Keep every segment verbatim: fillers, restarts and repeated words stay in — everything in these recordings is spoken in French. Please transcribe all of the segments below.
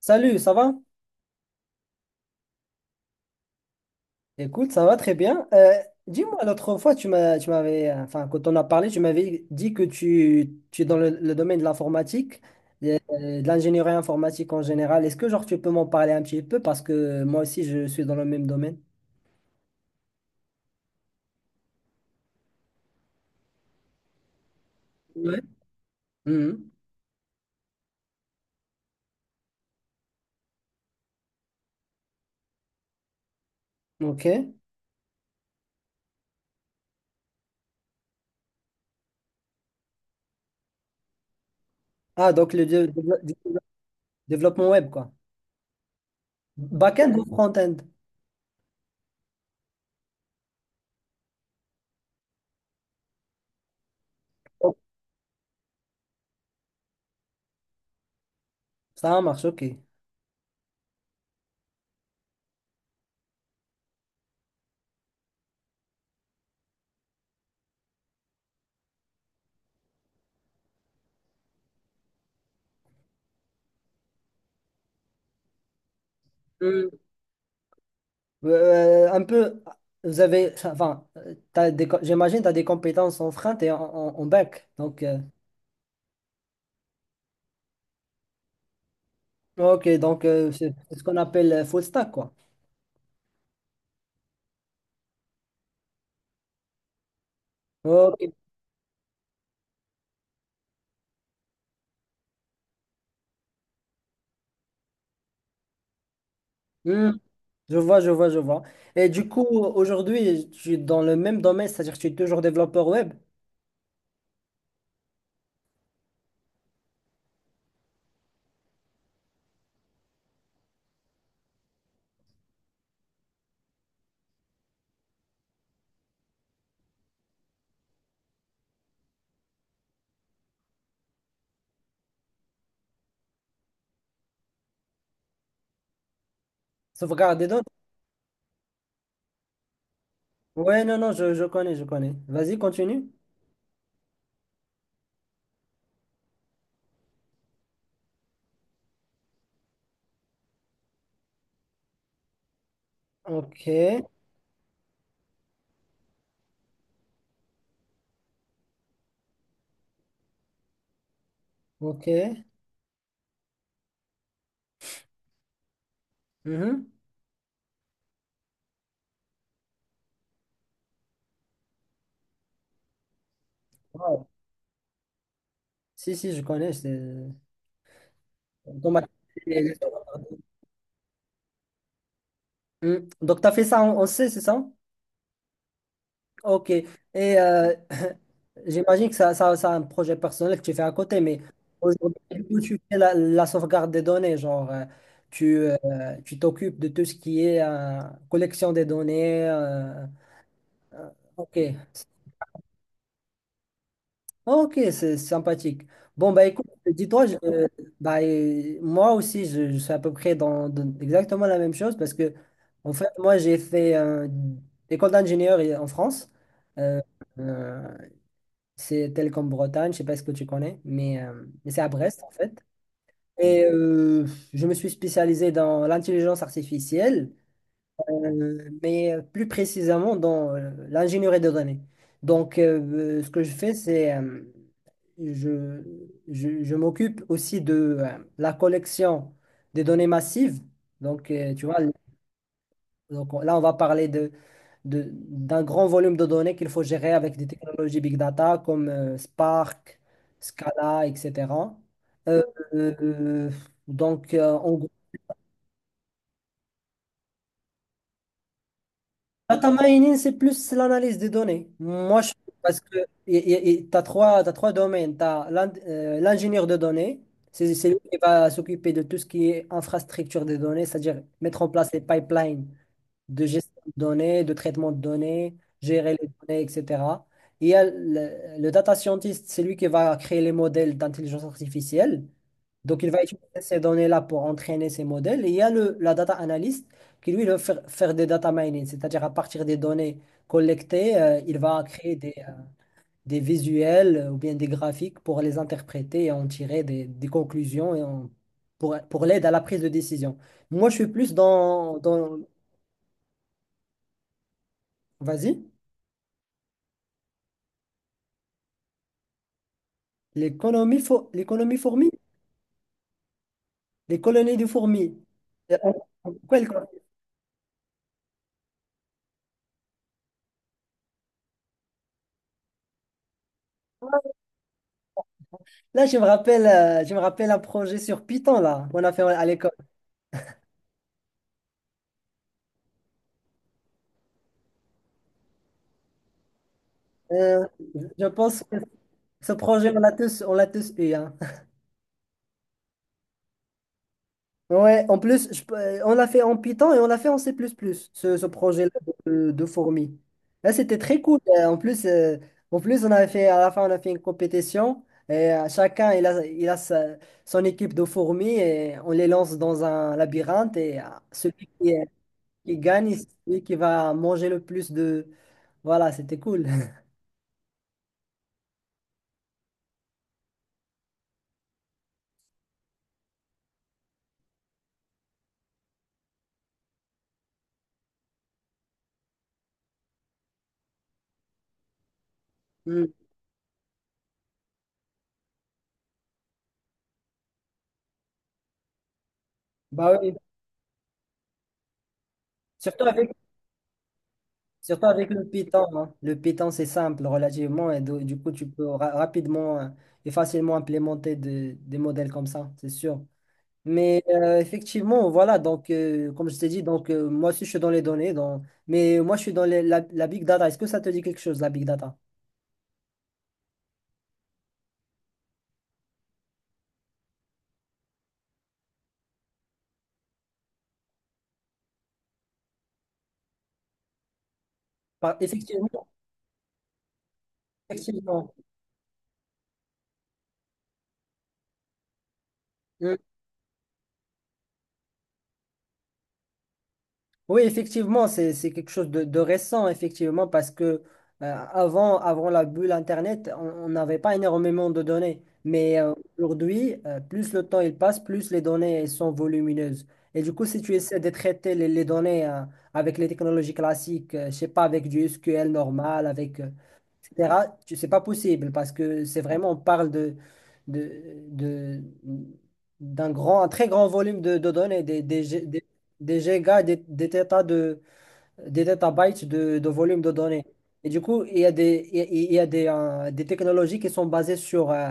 Salut, ça va? Écoute, ça va très bien. Euh, dis-moi, l'autre fois, tu m'as, tu m'avais, euh, enfin, quand on a parlé, tu m'avais dit que tu, tu es dans le, le domaine de l'informatique, euh, de l'ingénierie informatique en général. Est-ce que, genre, tu peux m'en parler un petit peu? Parce que moi aussi, je suis dans le même domaine. Ouais. Mhm. OK. Ah, donc le dé- dé- dé- développement web, quoi. Back-end ou front-end? Ça marche, OK. Euh, un peu, vous avez, enfin, euh, t'as des, co- j'imagine tu as des compétences en front et en, en, en back. Donc, euh, ok, donc euh, c'est c'est ce qu'on appelle euh, full stack, quoi. Ok, Hmm, je vois, je vois, je vois. Et du coup, aujourd'hui, je suis dans le même domaine, c'est-à-dire que je suis toujours développeur web, sauvegarde des données. Ouais, non, non, je, je connais, je connais. Vas-y, continue. Ok, ok. Mhm. Wow. Si, si, je connais. C'est euh, automatique. Hmm. Donc, tu as fait ça en, en C, c'est ça? Ok. Et euh, j'imagine que ça, ça, ça a un projet personnel que tu fais à côté, mais aujourd'hui, où tu fais la, la sauvegarde des données, genre, euh, tu, euh, tu t'occupes de tout ce qui est euh, collection des données. euh, ok. Ok, c'est sympathique. Bon, bah écoute, dis-toi, je- euh, bah, euh, moi aussi, je, je suis à peu près dans, dans exactement la même chose parce que, en fait, moi, j'ai fait euh, école d'ingénieur en France. Euh, euh, C'est tel comme Bretagne, je sais pas ce que tu connais, mais, euh, mais c'est à Brest en fait. Et euh, je me suis spécialisé dans l'intelligence artificielle, euh, mais plus précisément dans euh, l'ingénierie de données. Donc, euh, euh, ce que je fais, c'est euh, je, je, je m'occupe aussi de euh, la collection des données massives. Donc, euh, tu vois, donc on- là, on va parler de, de- d'un grand volume de données qu'il faut gérer avec des technologies big data comme euh, Spark, Scala, et cetera. Euh, euh, euh, donc, euh, en gros, data mining, c'est plus l'analyse des données. Moi, je parce que tu as trois, t'as trois domaines. Tu as l'ingénieur de données, c'est c'est lui qui va s'occuper de tout ce qui est infrastructure des données, c'est-à-dire mettre en place les pipelines de gestion de données, de traitement de données, gérer les données, et cetera. Il y a le, le data scientist, c'est lui qui va créer les modèles d'intelligence artificielle. Donc, il va utiliser ces données-là pour entraîner ces modèles. Et il y a le, la data analyst qui, lui, va faire, faire des data mining, c'est-à-dire à partir des données collectées, euh, il va créer des, euh, des visuels euh, ou bien des graphiques pour les interpréter et en tirer des, des conclusions et en- pour, pour l'aide à la prise de décision. Moi, je suis plus dans dans Vas-y. L'économie fo- l'économie fourmi, les colonies de fourmis. Euh, Quoi, Là, je me rappelle, euh, je me rappelle un projet sur Python là qu'on a fait à l'école. Euh, je pense que ce projet, on l'a tous, on l'a tous eu, hein. Ouais, en plus, je peux- euh, on l'a fait en Python et on l'a fait en C++, plus plus, ce, ce projet-là de, de fourmi. Là, c'était très cool. Euh, En plus, euh, en plus, on avait fait, à la fin, on a fait une compétition et euh, chacun, il a, il a sa- son équipe de fourmis et on les lance dans un labyrinthe et euh, celui qui, euh, qui gagne, c'est celui qui va manger le plus de Voilà, c'était cool. Mm. Bah oui. Surtout avec Surtout avec le Python, hein. Le Python, c'est simple relativement et do- du coup, tu peux ra- rapidement euh, et facilement implémenter de- des modèles comme ça, c'est sûr. Mais euh, effectivement, voilà, donc euh, comme je t'ai dit, donc euh, moi aussi je suis dans les données, dans mais moi je suis dans les- la, la big data. Est-ce que ça te dit quelque chose, la big data? Par- Effectivement, effectivement. Hmm. Oui, effectivement, c'est, c'est quelque chose de, de récent, effectivement, parce que euh, avant, avant la bulle Internet, on on n'avait pas énormément de données. Mais euh, aujourd'hui, euh, plus le temps il passe, plus les données elles sont volumineuses. Et du coup, si tu essaies de traiter les, les données euh, avec les technologies classiques, euh, je sais pas, avec du S Q L normal, avec, euh, et cetera, tu- c'est pas possible parce que c'est vraiment, on parle de, de, de- d'un grand, un très grand volume de, de données, des, des, des gigas, des, des tétas de, des tétabytes de, de volume de données. Et du coup, il y a des, il y a il y a des, euh, des technologies qui sont basées sur euh,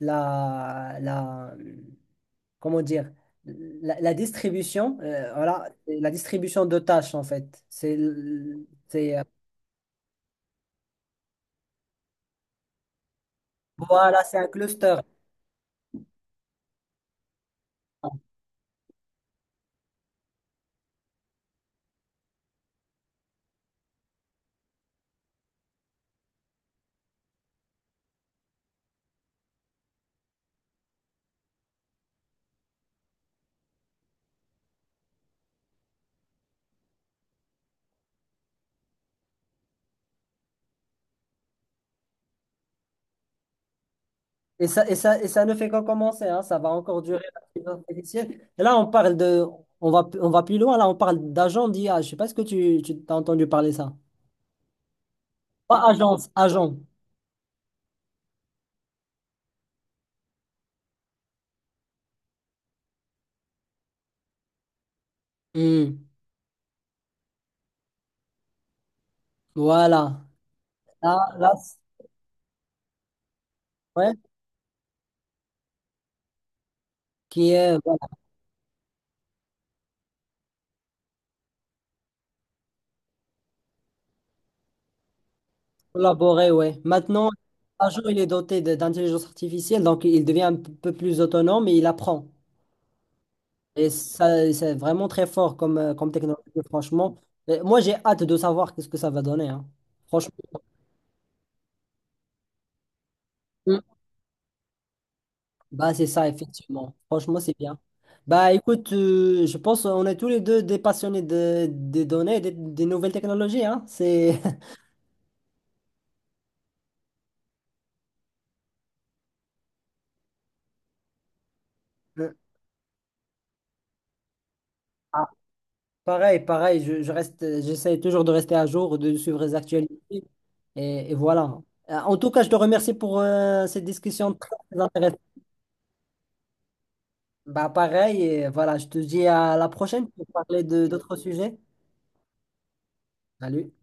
la, la, comment dire, la, la distribution, euh, voilà, la distribution de tâches en fait. C'est, l- c'est, euh, voilà, c'est un cluster. Et ça, et ça, et ça ne fait qu'en commencer, hein, ça va encore durer. L'intelligence artificielle. Et là, on parle de, on va, on va plus loin, là, on parle d'agents d'I A. Je sais pas ce que tu, tu t'as entendu parler ça. Pas agence, agent. Hmm, Voilà. Là, là, c- ouais, qui est voilà, collaboré, ouais. Maintenant, agent, il est doté de- d'intelligence artificielle, donc il devient un p- peu plus autonome et il apprend. Et ça, c'est vraiment très fort comme, euh, comme technologie, franchement. Euh, Moi, j'ai hâte de savoir qu'est-ce que ça va donner, hein. Franchement, Hmm. Bah, c'est ça, effectivement. Franchement, c'est bien. Bah, écoute, euh, je pense qu'on est tous les deux des passionnés de, des données, et des, des nouvelles technologies, hein. C'est Pareil, pareil, je, je reste, j'essaie toujours de rester à jour, de suivre les actualités, et, et voilà. Euh, En tout cas, je te remercie pour euh, cette discussion très très intéressante. Bah, pareil, et voilà, je te dis à la prochaine pour parler de d'autres sujets. Salut.